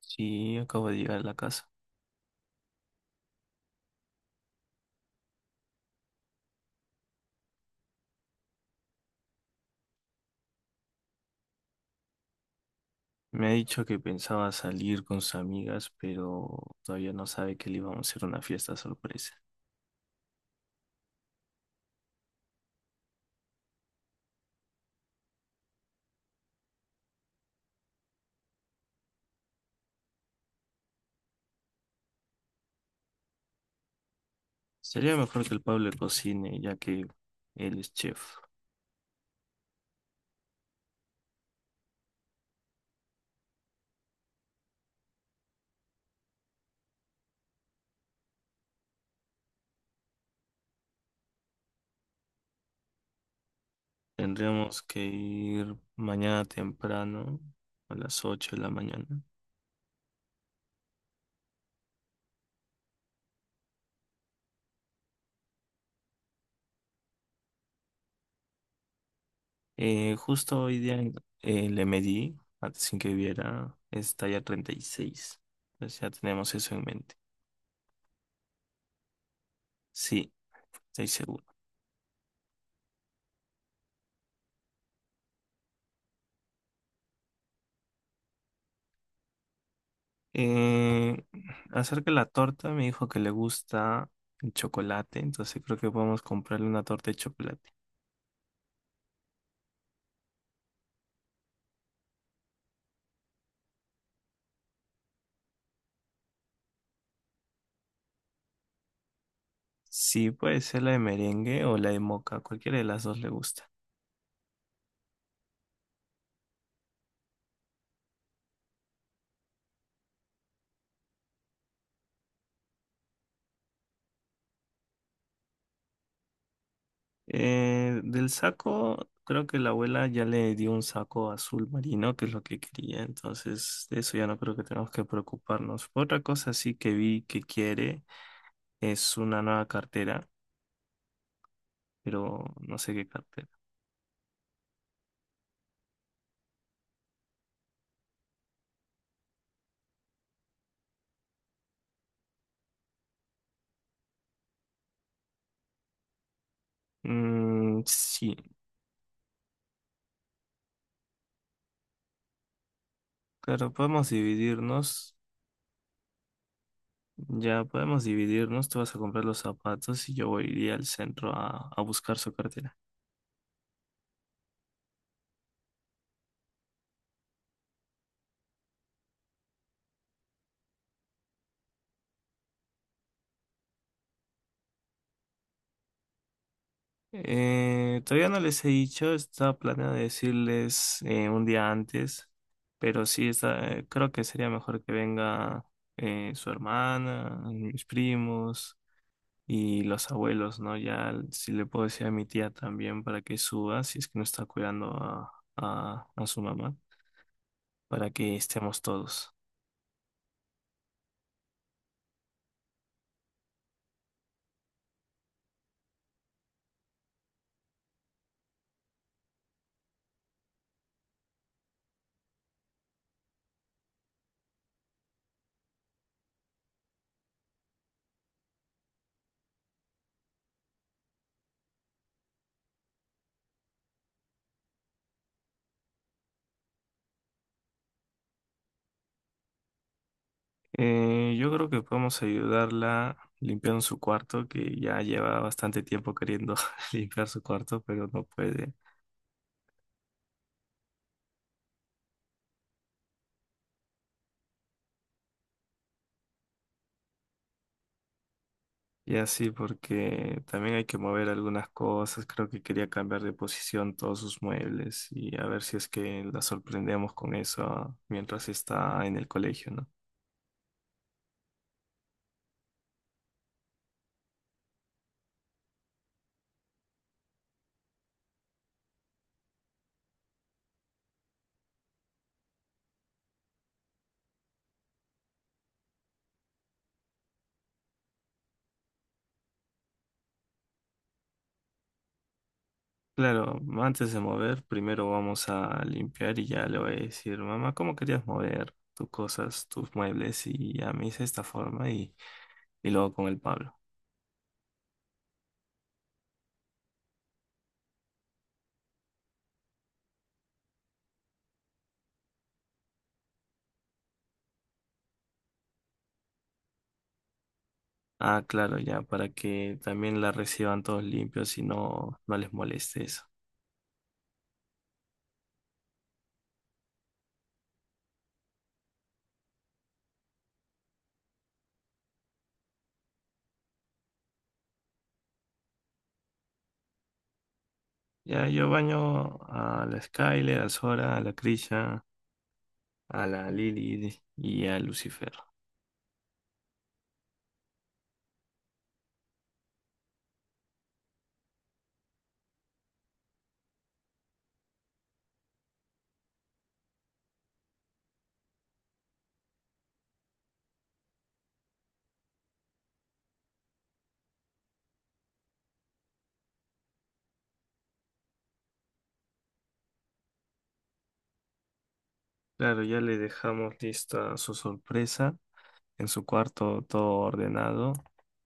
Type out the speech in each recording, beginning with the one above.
Sí, acabo de llegar a la casa. Me ha dicho que pensaba salir con sus amigas, pero todavía no sabe que le íbamos a hacer una fiesta sorpresa. Sería mejor que el Pablo cocine, ya que él es chef. Tendríamos que ir mañana temprano, a las 8 de la mañana. Justo hoy día le medí, antes sin que viera, es talla 36. Entonces ya tenemos eso en mente. Sí, estoy seguro. Eh, Acerca de la torta, me dijo que le gusta el chocolate, entonces creo que podemos comprarle una torta de chocolate. Sí, puede ser la de merengue o la de moca, cualquiera de las dos le gusta. Del saco, creo que la abuela ya le dio un saco azul marino, que es lo que quería, entonces de eso ya no creo que tengamos que preocuparnos. Otra cosa sí que vi que quiere es una nueva cartera, pero no sé qué cartera. Mm, sí, claro, podemos dividirnos. Ya podemos dividirnos, tú vas a comprar los zapatos y yo voy a al centro a buscar su cartera. Todavía no les he dicho, estaba planeado decirles un día antes, pero sí, está, creo que sería mejor que venga su hermana, mis primos y los abuelos, ¿no? Ya si le puedo decir a mi tía también para que suba, si es que no está cuidando a su mamá, para que estemos todos. Yo creo que podemos ayudarla limpiando su cuarto, que ya lleva bastante tiempo queriendo limpiar su cuarto, pero no puede. Y así porque también hay que mover algunas cosas. Creo que quería cambiar de posición todos sus muebles y a ver si es que la sorprendemos con eso mientras está en el colegio, ¿no? Claro, antes de mover, primero vamos a limpiar y ya le voy a decir, mamá, ¿cómo querías mover tus cosas, tus muebles? Y ya me hice esta forma y luego con el Pablo. Ah, claro, ya, para que también la reciban todos limpios y no, no les moleste eso. Ya, yo baño a la Skyler, a Sora, a la Krisha, a la Lilith y a Lucifer. Claro, ya le dejamos lista su sorpresa en su cuarto, todo ordenado.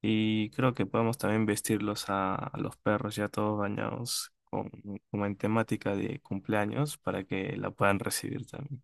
Y creo que podemos también vestirlos a los perros ya todos bañados con, como en temática de cumpleaños para que la puedan recibir también.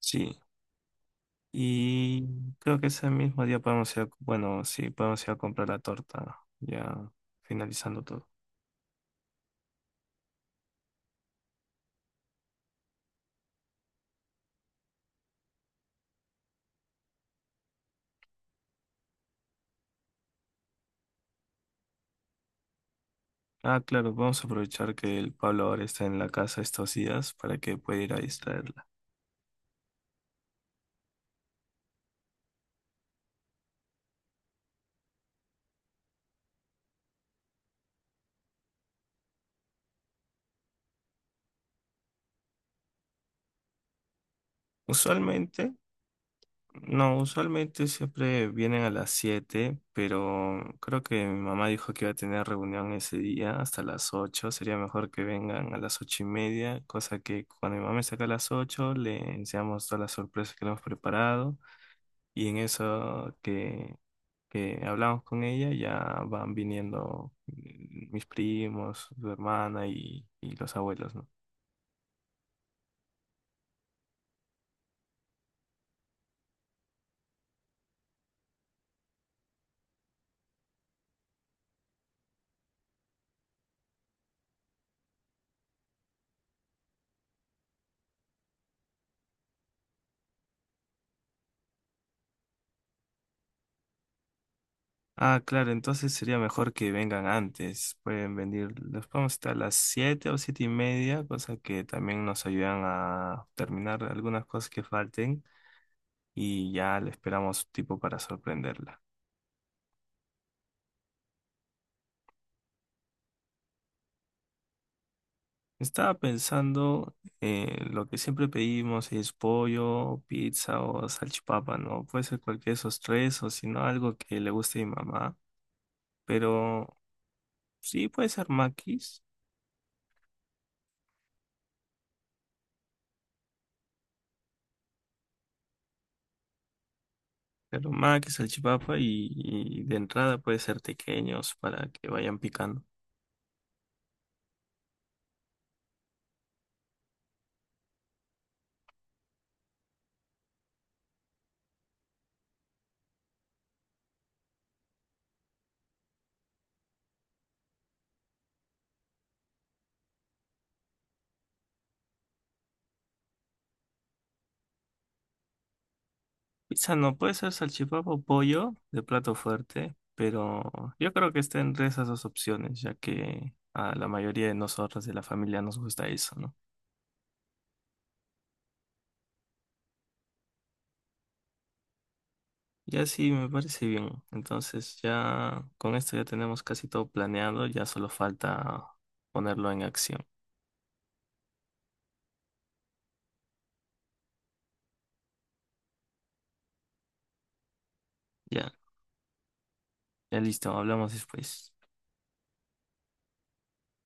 Sí. Y creo que ese mismo día podemos ir a, bueno, sí, podemos ir a comprar la torta, ya finalizando todo. Ah, claro, vamos a aprovechar que el Pablo ahora está en la casa estos días para que pueda ir a distraerla. Usualmente, no, usualmente siempre vienen a las 7, pero creo que mi mamá dijo que iba a tener reunión ese día hasta las 8. Sería mejor que vengan a las 8:30, cosa que cuando mi mamá me saca a las 8 le enseñamos todas las sorpresas que le hemos preparado. Y en eso que hablamos con ella, ya van viniendo mis primos, su hermana y los abuelos, ¿no? Ah, claro, entonces sería mejor que vengan antes. Pueden venir, los podemos estar a las 7 o 7:30, cosa que también nos ayudan a terminar algunas cosas que falten y ya le esperamos tipo para sorprenderla. Estaba pensando en lo que siempre pedimos, es pollo, pizza o salchipapa, ¿no? Puede ser cualquiera de esos tres o si no algo que le guste a mi mamá. Pero sí puede ser maquis, pero maquis, salchipapa y de entrada puede ser pequeños para que vayan picando. Pizza no, puede ser salchipapa o pollo de plato fuerte, pero yo creo que está entre esas dos opciones, ya que a la mayoría de nosotros de la familia nos gusta eso, ¿no? Ya sí, me parece bien. Entonces ya con esto ya tenemos casi todo planeado, ya solo falta ponerlo en acción. Ya, ya listo, hablamos después.